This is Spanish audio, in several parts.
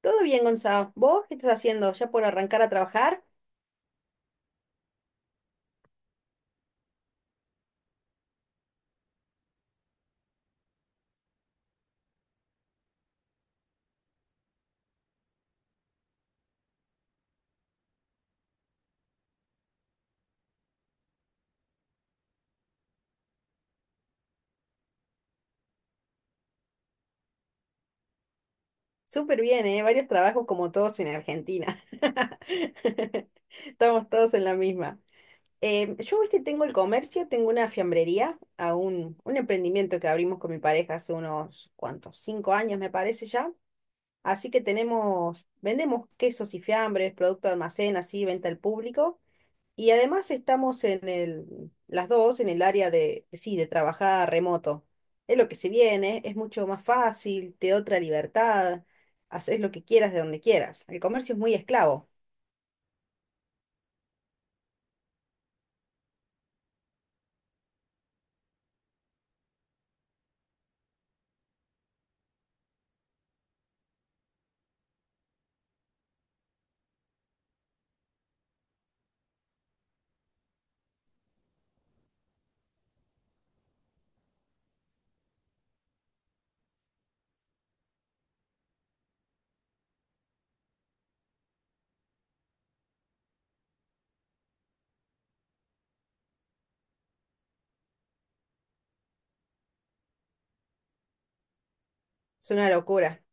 Todo bien, Gonzalo. ¿Vos qué estás haciendo? ¿Ya por arrancar a trabajar? Súper bien, ¿eh? Varios trabajos como todos en Argentina. Estamos todos en la misma. Yo, viste, tengo el comercio, tengo una fiambrería, un emprendimiento que abrimos con mi pareja hace unos, ¿cuántos? 5 años, me parece ya. Así que tenemos, vendemos quesos y fiambres, producto de almacén, así, venta al público. Y además estamos en las dos en el área de, sí, de trabajar remoto. Es lo que se viene, es mucho más fácil, te da otra libertad, haces lo que quieras de donde quieras. El comercio es muy esclavo, es una locura.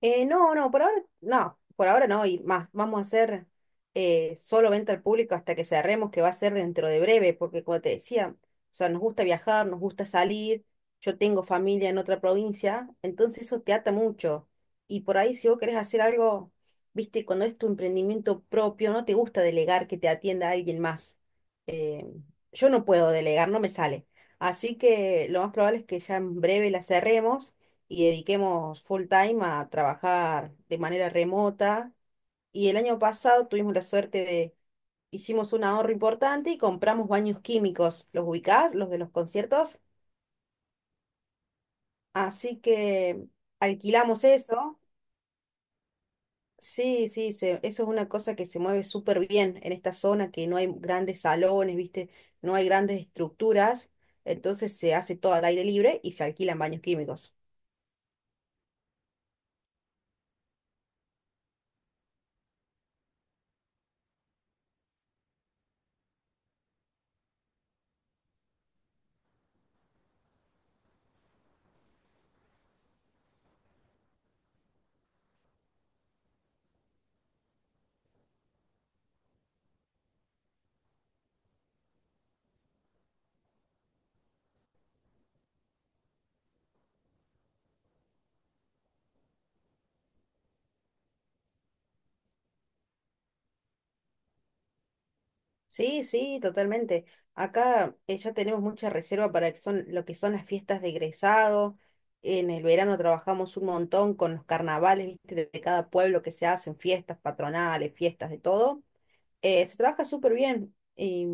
No, no, por ahora no, por ahora no, y más, vamos a hacer solo venta al público hasta que cerremos, que va a ser dentro de breve, porque como te decía, o sea, nos gusta viajar, nos gusta salir, yo tengo familia en otra provincia, entonces eso te ata mucho. Y por ahí si vos querés hacer algo, viste, cuando es tu emprendimiento propio, no te gusta delegar que te atienda alguien más. Eh, yo no puedo delegar, no me sale. Así que lo más probable es que ya en breve la cerremos y dediquemos full time a trabajar de manera remota. Y el año pasado tuvimos la suerte de, hicimos un ahorro importante y compramos baños químicos, ¿los ubicás? Los de los conciertos. Así que alquilamos eso. Sí, sí, eso es una cosa que se mueve súper bien en esta zona, que no hay grandes salones, ¿viste? No hay grandes estructuras. Entonces se hace todo al aire libre y se alquilan baños químicos. Sí, sí, totalmente. Acá ya tenemos mucha reserva para que son, lo que son las fiestas de egresado. En el verano trabajamos un montón con los carnavales, ¿viste? De cada pueblo que se hacen, fiestas patronales, fiestas de todo. Se trabaja súper bien y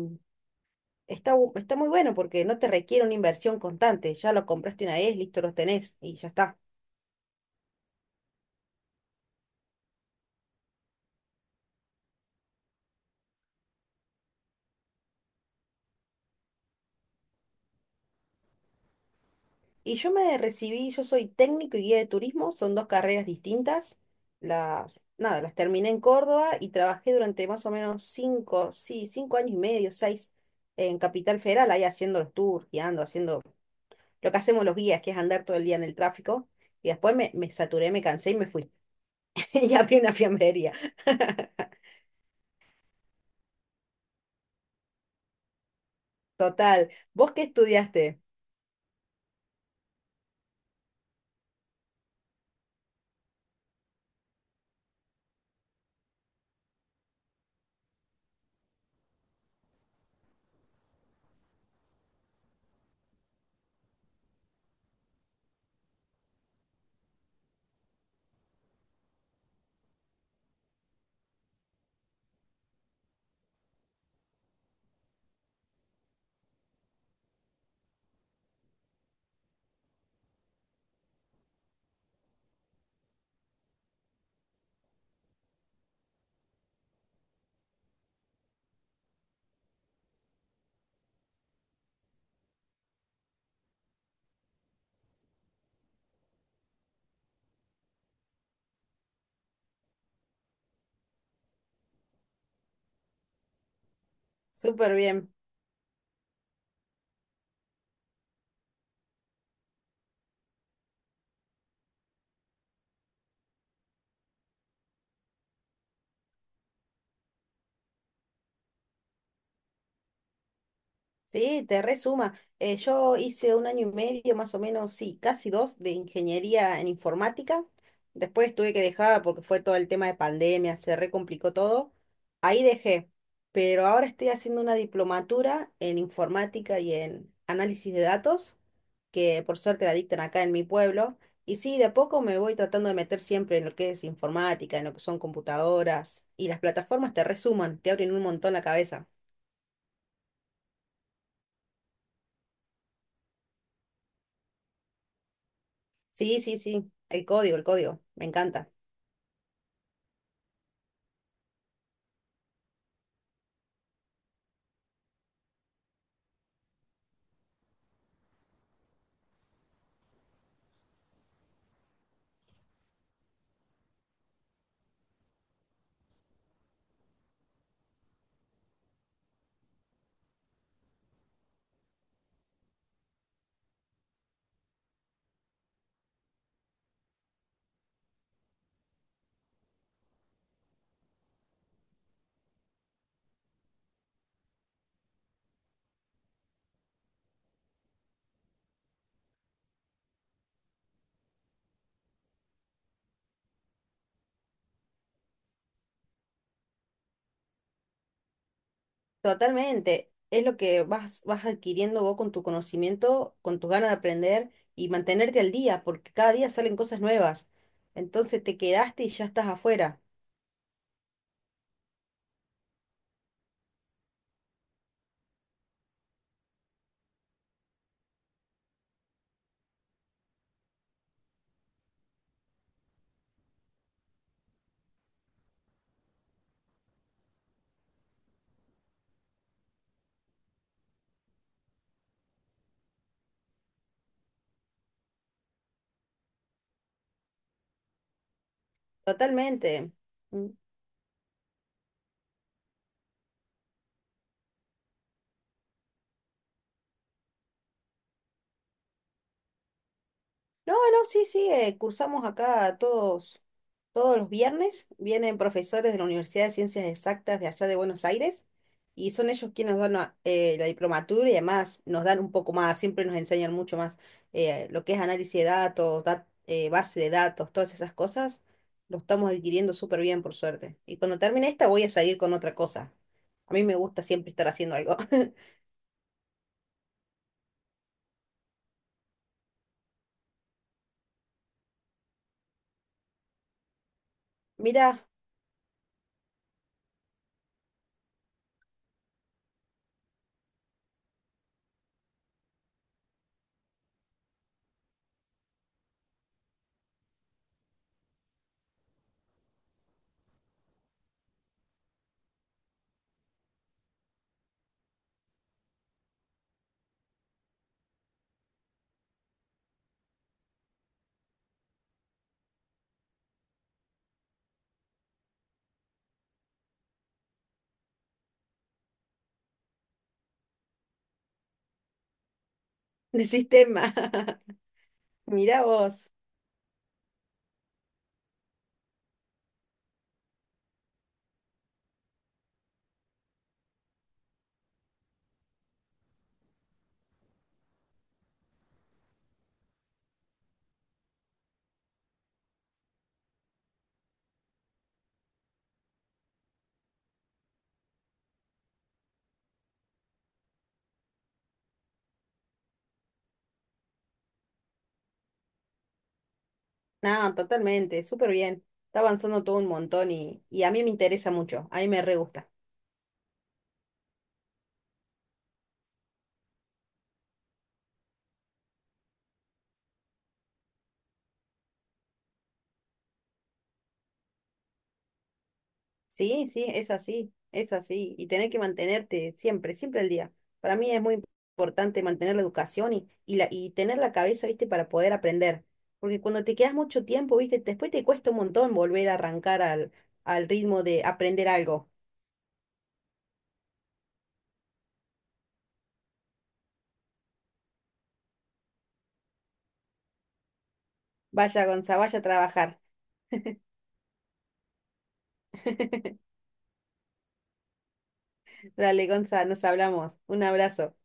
está, está muy bueno porque no te requiere una inversión constante. Ya lo compraste una vez, listo, los tenés y ya está. Y yo me recibí, yo soy técnico y guía de turismo, son dos carreras distintas. Las, nada, las terminé en Córdoba y trabajé durante más o menos cinco, sí, 5 años y medio, seis, en Capital Federal, ahí haciendo los tours, guiando, haciendo lo que hacemos los guías, que es andar todo el día en el tráfico. Y después me saturé, me cansé y me fui. Y abrí una fiambrería. Total. ¿Vos qué estudiaste? Súper bien. Sí, te resuma. Yo hice un año y medio, más o menos, sí, casi dos, de ingeniería en informática. Después tuve que dejar porque fue todo el tema de pandemia, se recomplicó todo. Ahí dejé, pero ahora estoy haciendo una diplomatura en informática y en análisis de datos, que por suerte la dictan acá en mi pueblo. Y sí, de a poco me voy tratando de meter siempre en lo que es informática, en lo que son computadoras, y las plataformas te resuman, te abren un montón la cabeza. Sí, sí, sí, el código, me encanta. Totalmente, es lo que vas adquiriendo vos con tu conocimiento, con tus ganas de aprender y mantenerte al día, porque cada día salen cosas nuevas. Entonces te quedaste y ya estás afuera. Totalmente. Mm. No, no, sí, sí, cursamos acá todos los viernes. Vienen profesores de la Universidad de Ciencias Exactas de allá de Buenos Aires y son ellos quienes nos dan la diplomatura y además nos dan un poco más, siempre nos enseñan mucho más lo que es análisis de datos, base de datos, todas esas cosas. Lo estamos adquiriendo súper bien, por suerte. Y cuando termine esta voy a seguir con otra cosa. A mí me gusta siempre estar haciendo algo. Mirá, de sistema. Mirá vos. No, totalmente, súper bien. Está avanzando todo un montón y a mí me interesa mucho, a mí me re gusta. Sí, sí, es así, es así. Y tener que mantenerte siempre, siempre al día. Para mí es muy importante mantener la educación y tener la cabeza, ¿viste? Para poder aprender. Porque cuando te quedas mucho tiempo, ¿viste? Después te cuesta un montón volver a arrancar al ritmo de aprender algo. Vaya, Gonza, vaya a trabajar. Dale, Gonza, nos hablamos. Un abrazo.